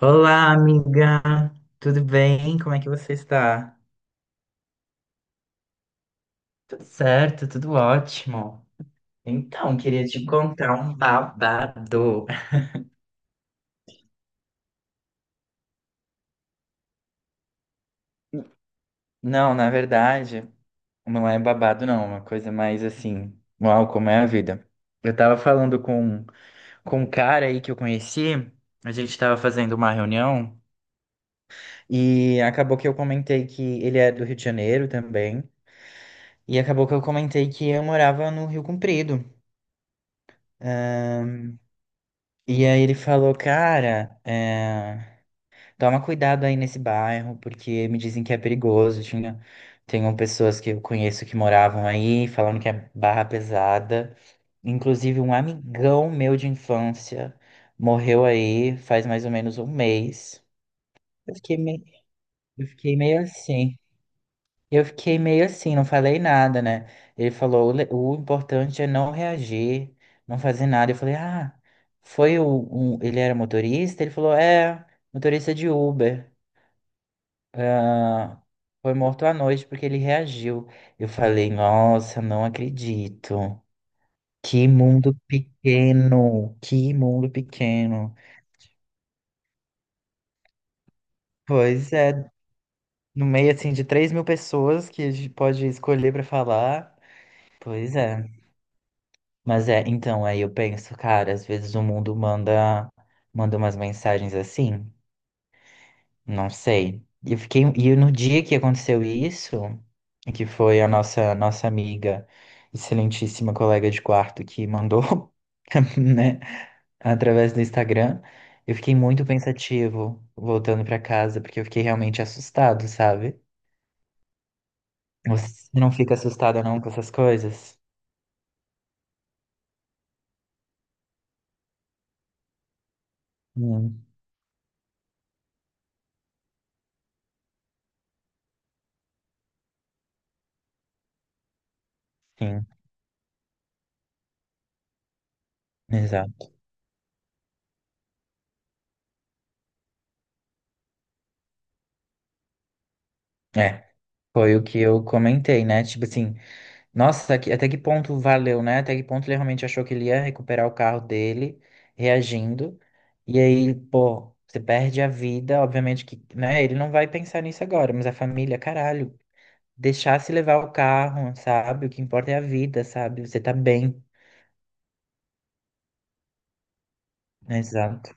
Olá, amiga. Tudo bem? Como é que você está? Tudo certo, tudo ótimo. Então, queria te contar um babado. Não, na verdade, não é babado, não. É uma coisa mais assim. Uau, como é a vida. Eu tava falando com um cara aí que eu conheci. A gente tava fazendo uma reunião e acabou que eu comentei que ele é do Rio de Janeiro também. E acabou que eu comentei que eu morava no Rio Comprido. E aí ele falou, cara, é, toma cuidado aí nesse bairro, porque me dizem que é perigoso. Tenho pessoas que eu conheço que moravam aí, falando que é barra pesada. Inclusive, um amigão meu de infância morreu aí faz mais ou menos um mês. Eu fiquei meio, eu fiquei meio assim. Eu fiquei meio assim, não falei nada, né? Ele falou, o importante é não reagir, não fazer nada. Eu falei, ah, ele era motorista? Ele falou, é, motorista de Uber. Ah, foi morto à noite porque ele reagiu. Eu falei, nossa, não acredito. Que mundo pequeno, que mundo pequeno. Pois é, no meio assim de 3.000 pessoas que a gente pode escolher pra falar. Pois é. Mas é, então, aí eu penso, cara, às vezes o mundo manda, manda umas mensagens assim, não sei. E eu fiquei, e no dia que aconteceu isso, que foi a nossa amiga, excelentíssima colega de quarto que mandou, né, através do Instagram, eu fiquei muito pensativo voltando pra casa, porque eu fiquei realmente assustado, sabe? Você não fica assustada não com essas coisas? Hum, sim, exato. É, foi o que eu comentei, né? Tipo assim, nossa, que- até que ponto valeu, né? Até que ponto ele realmente achou que ele ia recuperar o carro dele, reagindo. E aí, pô, você perde a vida, obviamente que, né? Ele não vai pensar nisso agora, mas a família, caralho, deixar se levar o carro, sabe? O que importa é a vida, sabe? Você tá bem. Exato.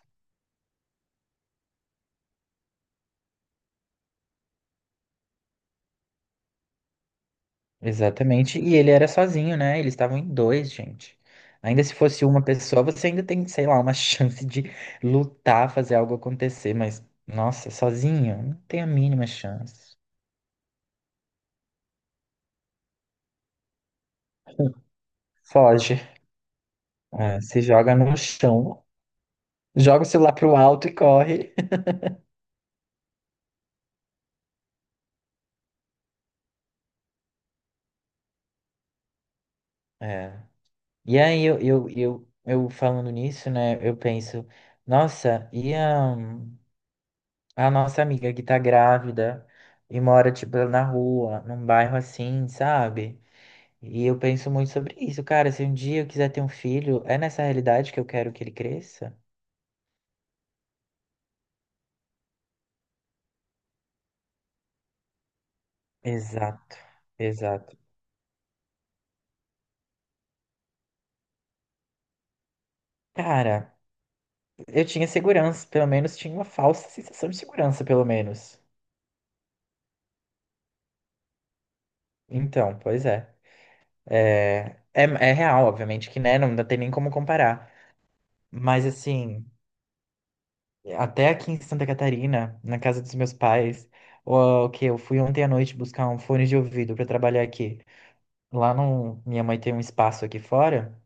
Exatamente. E ele era sozinho, né? Eles estavam em dois, gente. Ainda se fosse uma pessoa, você ainda tem, sei lá, uma chance de lutar, fazer algo acontecer, mas, nossa, sozinho, não tem a mínima chance. Foge. É, se joga no chão, joga o celular pro alto e corre. É. E aí eu falando nisso, né? Eu penso, nossa, e a nossa amiga que tá grávida e mora, tipo, na rua, num bairro assim, sabe? E eu penso muito sobre isso, cara. Se um dia eu quiser ter um filho, é nessa realidade que eu quero que ele cresça? Exato, exato. Cara, eu tinha segurança, pelo menos tinha uma falsa sensação de segurança, pelo menos. Então, pois é. É real, obviamente, que né, tem nem como comparar. Mas assim, até aqui em Santa Catarina, na casa dos meus pais, o que eu fui ontem à noite buscar um fone de ouvido para trabalhar aqui. Lá no, minha mãe tem um espaço aqui fora.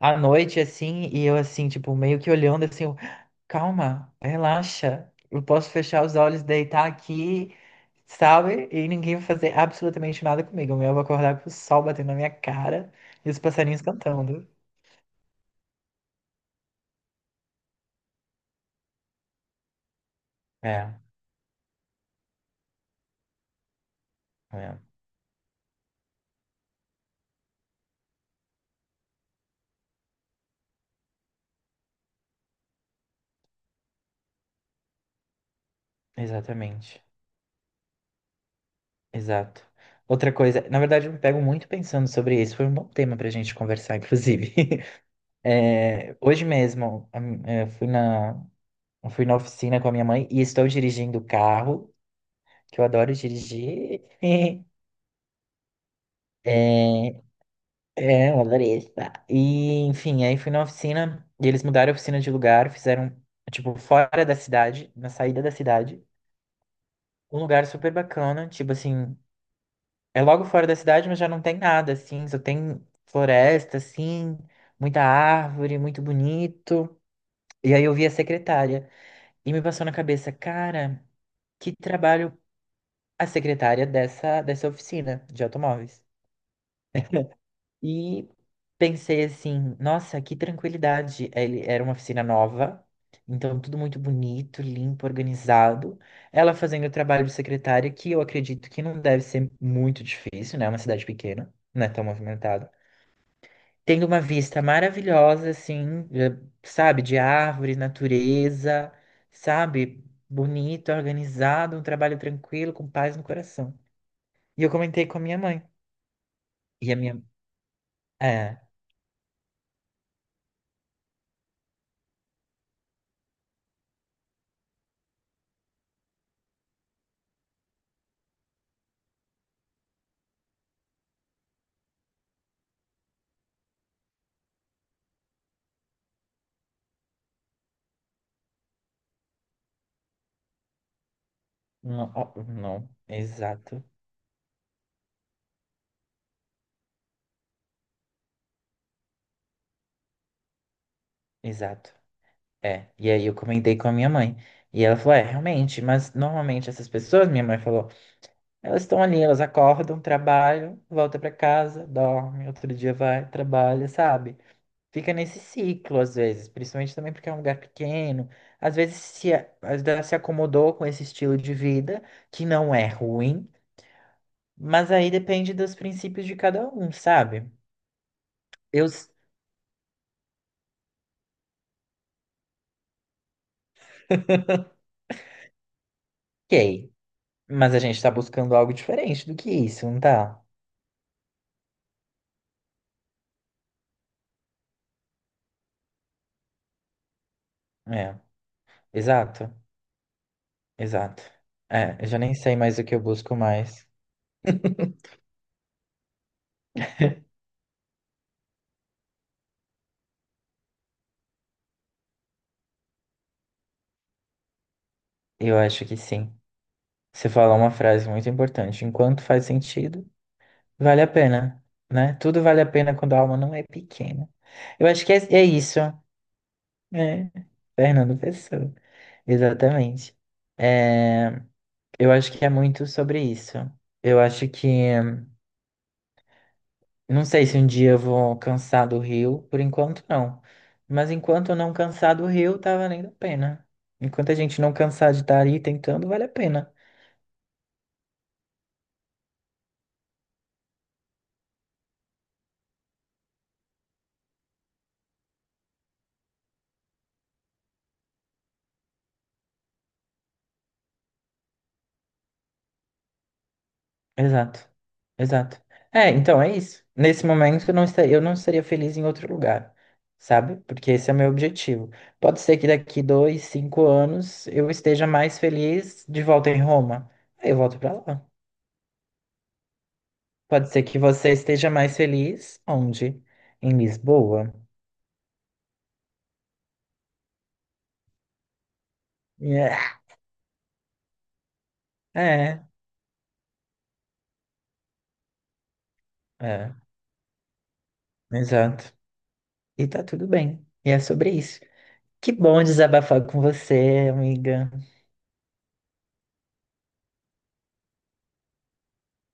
À noite, assim, e eu, assim, tipo, meio que olhando, assim, eu, calma, relaxa, eu posso fechar os olhos, deitar aqui, sabe? E ninguém vai fazer absolutamente nada comigo. Eu vou acordar com o sol batendo na minha cara e os passarinhos cantando. É, é, exatamente, exato. Outra coisa, na verdade, eu me pego muito pensando sobre isso. Foi um bom tema pra gente conversar, inclusive. É, hoje mesmo, a mi- é, fui na oficina com a minha mãe e estou dirigindo o carro. Que eu adoro dirigir. É, eu adorei estar. E, enfim, aí fui na oficina e eles mudaram a oficina de lugar, fizeram, tipo, fora da cidade, na saída da cidade. Um lugar super bacana, tipo assim, é logo fora da cidade, mas já não tem nada, assim, só tem floresta, assim, muita árvore, muito bonito. E aí eu vi a secretária e me passou na cabeça, cara, que trabalho a secretária dessa oficina de automóveis. E pensei assim, nossa, que tranquilidade. Ele era uma oficina nova, então tudo muito bonito, limpo, organizado. Ela fazendo o trabalho de secretária, que eu acredito que não deve ser muito difícil, né? É uma cidade pequena, não é tão movimentada. Tendo uma vista maravilhosa, assim, sabe, de árvores, natureza, sabe? Bonito, organizado, um trabalho tranquilo, com paz no coração. E eu comentei com a minha mãe. E a minha. É. Não, ó, não, exato, exato. É, e aí eu comentei com a minha mãe. E ela falou: é, realmente, mas normalmente essas pessoas, minha mãe falou, elas estão ali, elas acordam, trabalham, volta pra casa, dorme, outro dia vai, trabalha, sabe? Fica nesse ciclo às vezes, principalmente também porque é um lugar pequeno. Às vezes se, a- às vezes ela se acomodou com esse estilo de vida, que não é ruim, mas aí depende dos princípios de cada um, sabe? Eu sei. Mas a gente tá buscando algo diferente do que isso, não tá? É, exato, exato. É, eu já nem sei mais o que eu busco mais. Eu acho que sim. Você falou uma frase muito importante. Enquanto faz sentido, vale a pena, né? Tudo vale a pena quando a alma não é pequena. Eu acho que é, é isso. É, Fernando Pessoa. Exatamente. É, eu acho que é muito sobre isso. Eu acho que não sei se um dia eu vou cansar do Rio, por enquanto não. Mas enquanto eu não cansar do Rio, tá valendo a pena. Enquanto a gente não cansar de estar aí tentando, vale a pena. Exato, exato. É, então é isso. Nesse momento eu não estaria feliz em outro lugar, sabe? Porque esse é o meu objetivo. Pode ser que daqui 2, 5 anos eu esteja mais feliz de volta em Roma. Aí eu volto pra lá. Pode ser que você esteja mais feliz onde? Em Lisboa. Yeah. É. É, exato. E tá tudo bem. E é sobre isso. Que bom desabafar com você, amiga.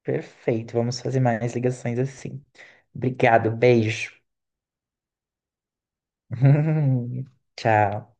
Perfeito. Vamos fazer mais ligações assim. Obrigado, beijo. Tchau.